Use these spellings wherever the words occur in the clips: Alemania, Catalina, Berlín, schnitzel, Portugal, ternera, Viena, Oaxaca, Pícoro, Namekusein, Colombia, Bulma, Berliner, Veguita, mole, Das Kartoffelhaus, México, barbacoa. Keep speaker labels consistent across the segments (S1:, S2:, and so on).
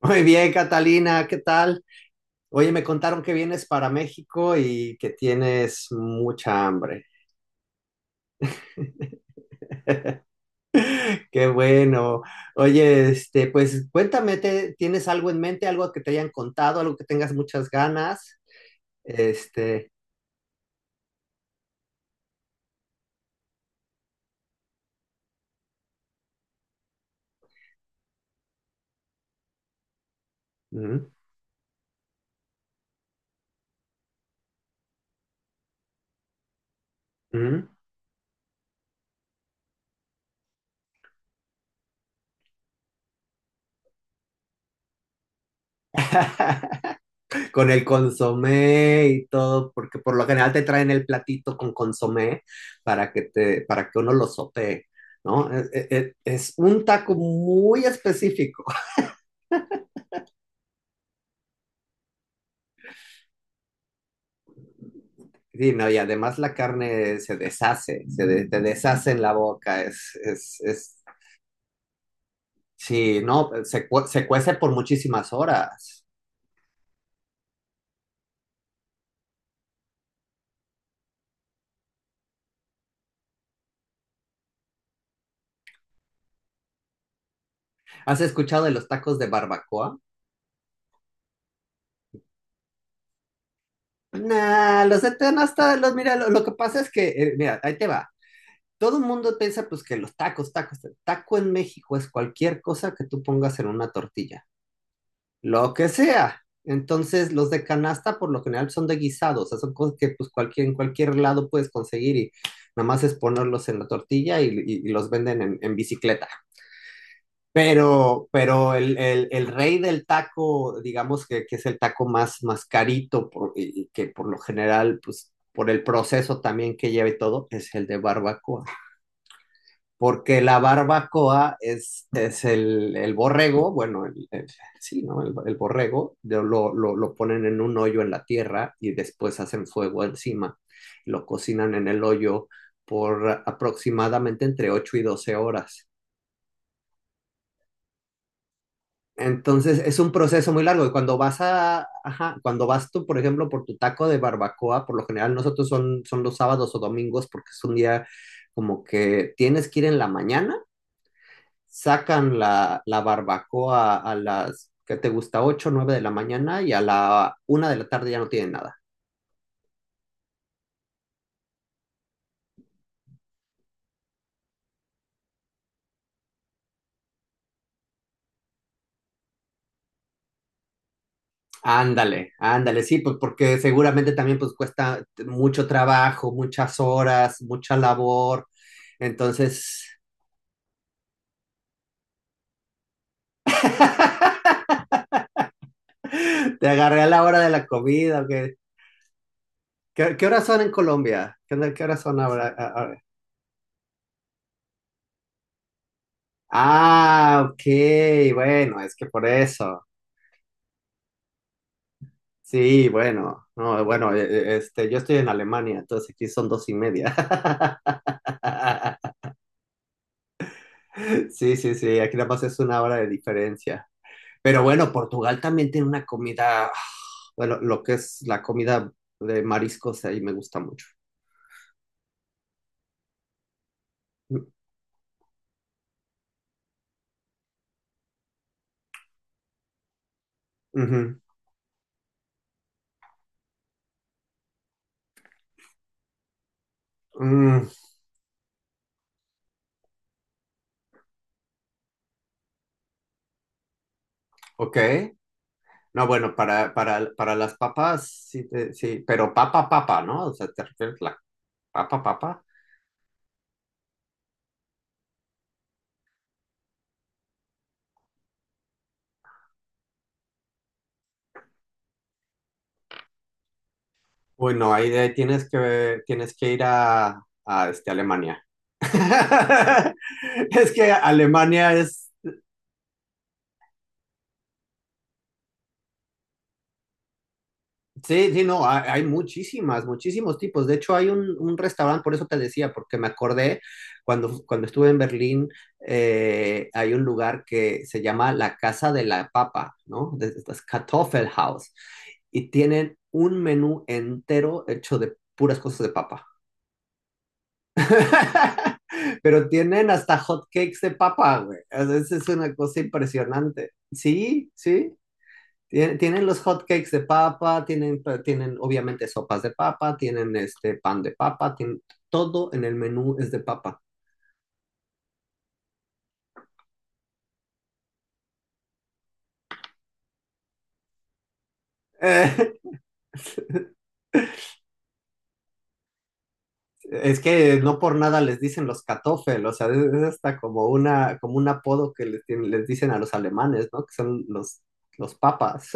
S1: Muy bien, Catalina, ¿qué tal? Oye, me contaron que vienes para México y que tienes mucha hambre. Qué bueno. Oye, pues cuéntame, ¿tienes algo en mente, algo que te hayan contado, algo que tengas muchas ganas? Este, mm, mm. Con el consomé y todo, porque por lo general te traen el platito con consomé para que te, para que uno lo sopee, ¿no? Es un taco muy específico. Sí, no, y además la carne se deshace, te deshace en la boca, es, sí, no, se cuece por muchísimas horas. ¿Has escuchado de los tacos de barbacoa? Nah, los de Teno hasta los, mira, lo que pasa es que, mira, ahí te va. Todo el mundo piensa pues que los tacos, tacos, taco en México es cualquier cosa que tú pongas en una tortilla. Lo que sea. Entonces, los de canasta por lo general son de guisado, o sea, son cosas que pues en cualquier lado puedes conseguir y nada más es ponerlos en la tortilla y los venden en bicicleta. Pero el rey del taco, digamos que es el taco más carito y que por lo general, pues por el proceso también que lleva y todo, es el de barbacoa porque la barbacoa es el borrego, bueno, sí, ¿no? El borrego, lo ponen en un hoyo en la tierra y después hacen fuego encima. Lo cocinan en el hoyo por aproximadamente entre 8 y 12 horas. Entonces es un proceso muy largo y cuando vas a, ajá, cuando vas tú, por ejemplo, por tu taco de barbacoa, por lo general nosotros son los sábados o domingos porque es un día como que tienes que ir en la mañana sacan la barbacoa a las, ¿que te gusta? 8, 9 de la mañana y a la 1 de la tarde ya no tienen nada. Ándale, ándale, sí, pues porque seguramente también pues cuesta mucho trabajo, muchas horas, mucha labor. Entonces, te agarré a la hora de la comida. ¿Qué horas son en Colombia? ¿Qué horas son ahora? Ah, ok, bueno, es que por eso. Sí, bueno, no, bueno, yo estoy en Alemania, entonces aquí son 2:30. Sí, sí, sí, aquí nada más es 1 hora de diferencia. Pero bueno, Portugal también tiene una comida, bueno, lo que es la comida de mariscos ahí me gusta mucho. Mm, ujú. Mm, ok. No, bueno, para las papas, sí, sí, pero papa, papa, ¿no? O sea, ¿te refieres a la papa, papa? Bueno, ahí tienes que ir a, Alemania. Es que Alemania es, sí, sí, no, hay muchísimos tipos. De hecho, hay un restaurante, por eso te decía, porque me acordé cuando estuve en Berlín, hay un lugar que se llama la Casa de la Papa, ¿no? Das Kartoffelhaus. Y tienen un menú entero hecho de puras cosas de papa. Pero tienen hasta hotcakes de papa, güey. A veces es una cosa impresionante. Sí, sí. Tienen los hotcakes de papa, tienen obviamente sopas de papa, tienen este pan de papa, tienen, todo en el menú es de papa. Eh, es que no por nada les dicen los kartoffel, o sea, es hasta como como un apodo que les dicen a los alemanes, ¿no? Que son los papas.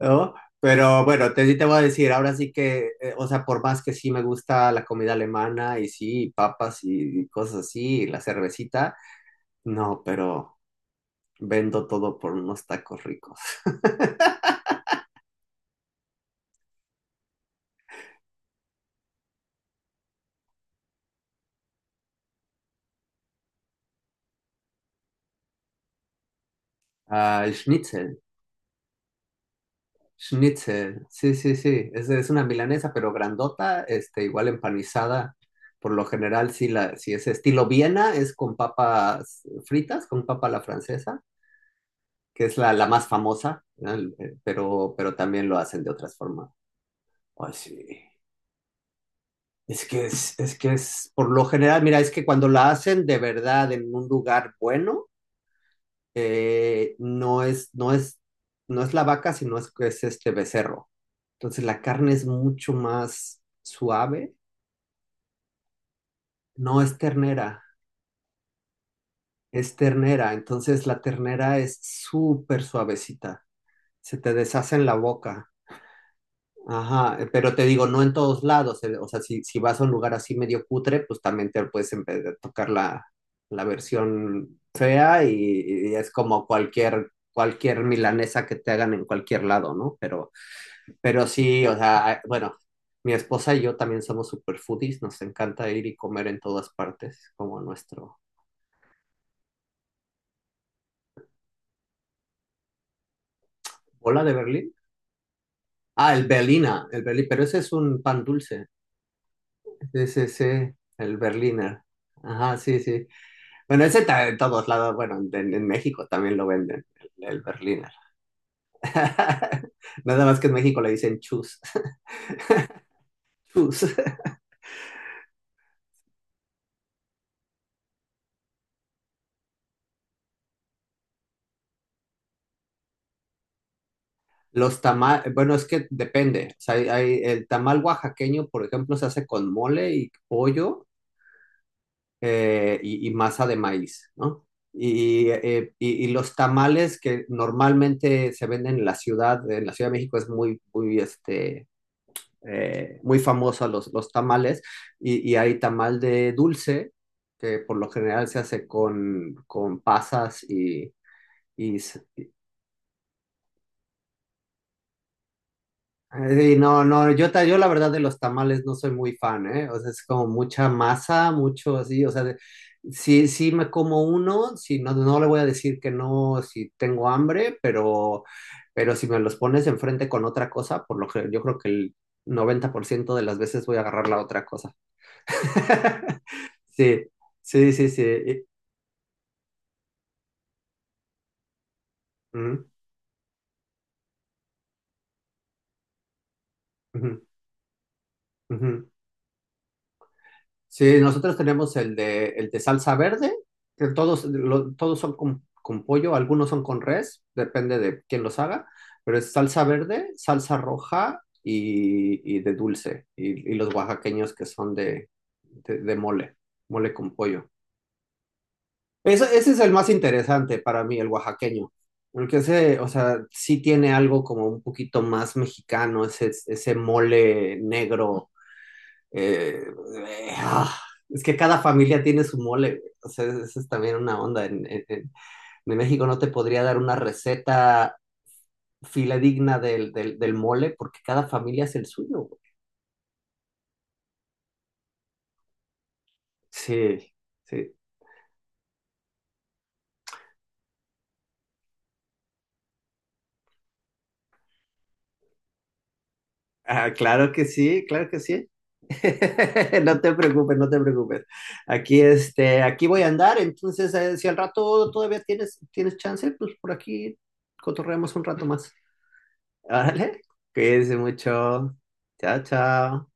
S1: ¿No? Pero bueno, sí te voy a decir, ahora sí que, o sea, por más que sí me gusta la comida alemana y sí, papas y cosas así, y la cervecita, no, pero vendo todo por unos tacos ricos. Ah, el schnitzel, schnitzel, sí, sí, sí, es una milanesa, pero grandota, igual empanizada. Por lo general, sí, si es estilo Viena, es con papas fritas, con papa a la francesa, que es la más famosa, ¿no? Pero también lo hacen de otras formas. Ay, sí. Es que es, por lo general, mira, es que cuando la hacen de verdad en un lugar bueno, eh, no es, no es, no es la vaca, sino es este becerro. Entonces la carne es mucho más suave. No es ternera, es ternera. Entonces la ternera es súper suavecita. Se te deshace en la boca. Ajá, pero te digo, no en todos lados. O sea, si vas a un lugar así medio cutre, pues también te puedes a tocar la versión fea y es como cualquier milanesa que te hagan en cualquier lado, ¿no? Pero sí, o sea, bueno, mi esposa y yo también somos super foodies, nos encanta ir y comer en todas partes, como nuestro. ¿Bola de Berlín? Ah, el Berlín, pero ese es un pan dulce. Ese es el Berliner. Ajá, sí, sí. Bueno, ese está en todos lados, bueno, en, México también lo venden, el Berliner. Nada más que en México le dicen chus. Chus. Los tamales, bueno, es que depende. O sea, el tamal oaxaqueño, por ejemplo, se hace con mole y pollo y masa de maíz, ¿no? Y los tamales que normalmente se venden en la Ciudad de México es muy, muy, muy famosa los tamales, y, hay tamal de dulce, que por lo general se hace con pasas y s- no, no, yo la verdad de los tamales no soy muy fan, ¿eh? O sea, es como mucha masa, mucho así, o sea, sí, sí me como uno, si no, no le voy a decir que no, si tengo hambre, pero si me los pones enfrente con otra cosa, por lo que yo creo que el 90% de las veces voy a agarrar la otra cosa. Sí, sí, sí, sí. Ujú, ujú, ujú. Sí, nosotros tenemos el de salsa verde, que todos son con pollo, algunos son con res, depende de quién los haga, pero es salsa verde, salsa roja y de dulce, y los oaxaqueños que son de mole, mole con pollo. Eso, ese es el más interesante para mí, el oaxaqueño. Porque ese, o sea, sí tiene algo como un poquito más mexicano, ese mole negro. eh, eh, ah, es que cada familia tiene su mole, güey. O sea, esa es también una onda. En México no te podría dar una receta filadigna del mole porque cada familia es el suyo, güey. Sí, sí. Ah, claro que sí, claro que sí. No te preocupes, no te preocupes. Aquí voy a andar, entonces si al rato todavía tienes chance, pues por aquí cotorreamos un rato más. Órale, cuídense mucho. Chao, chao.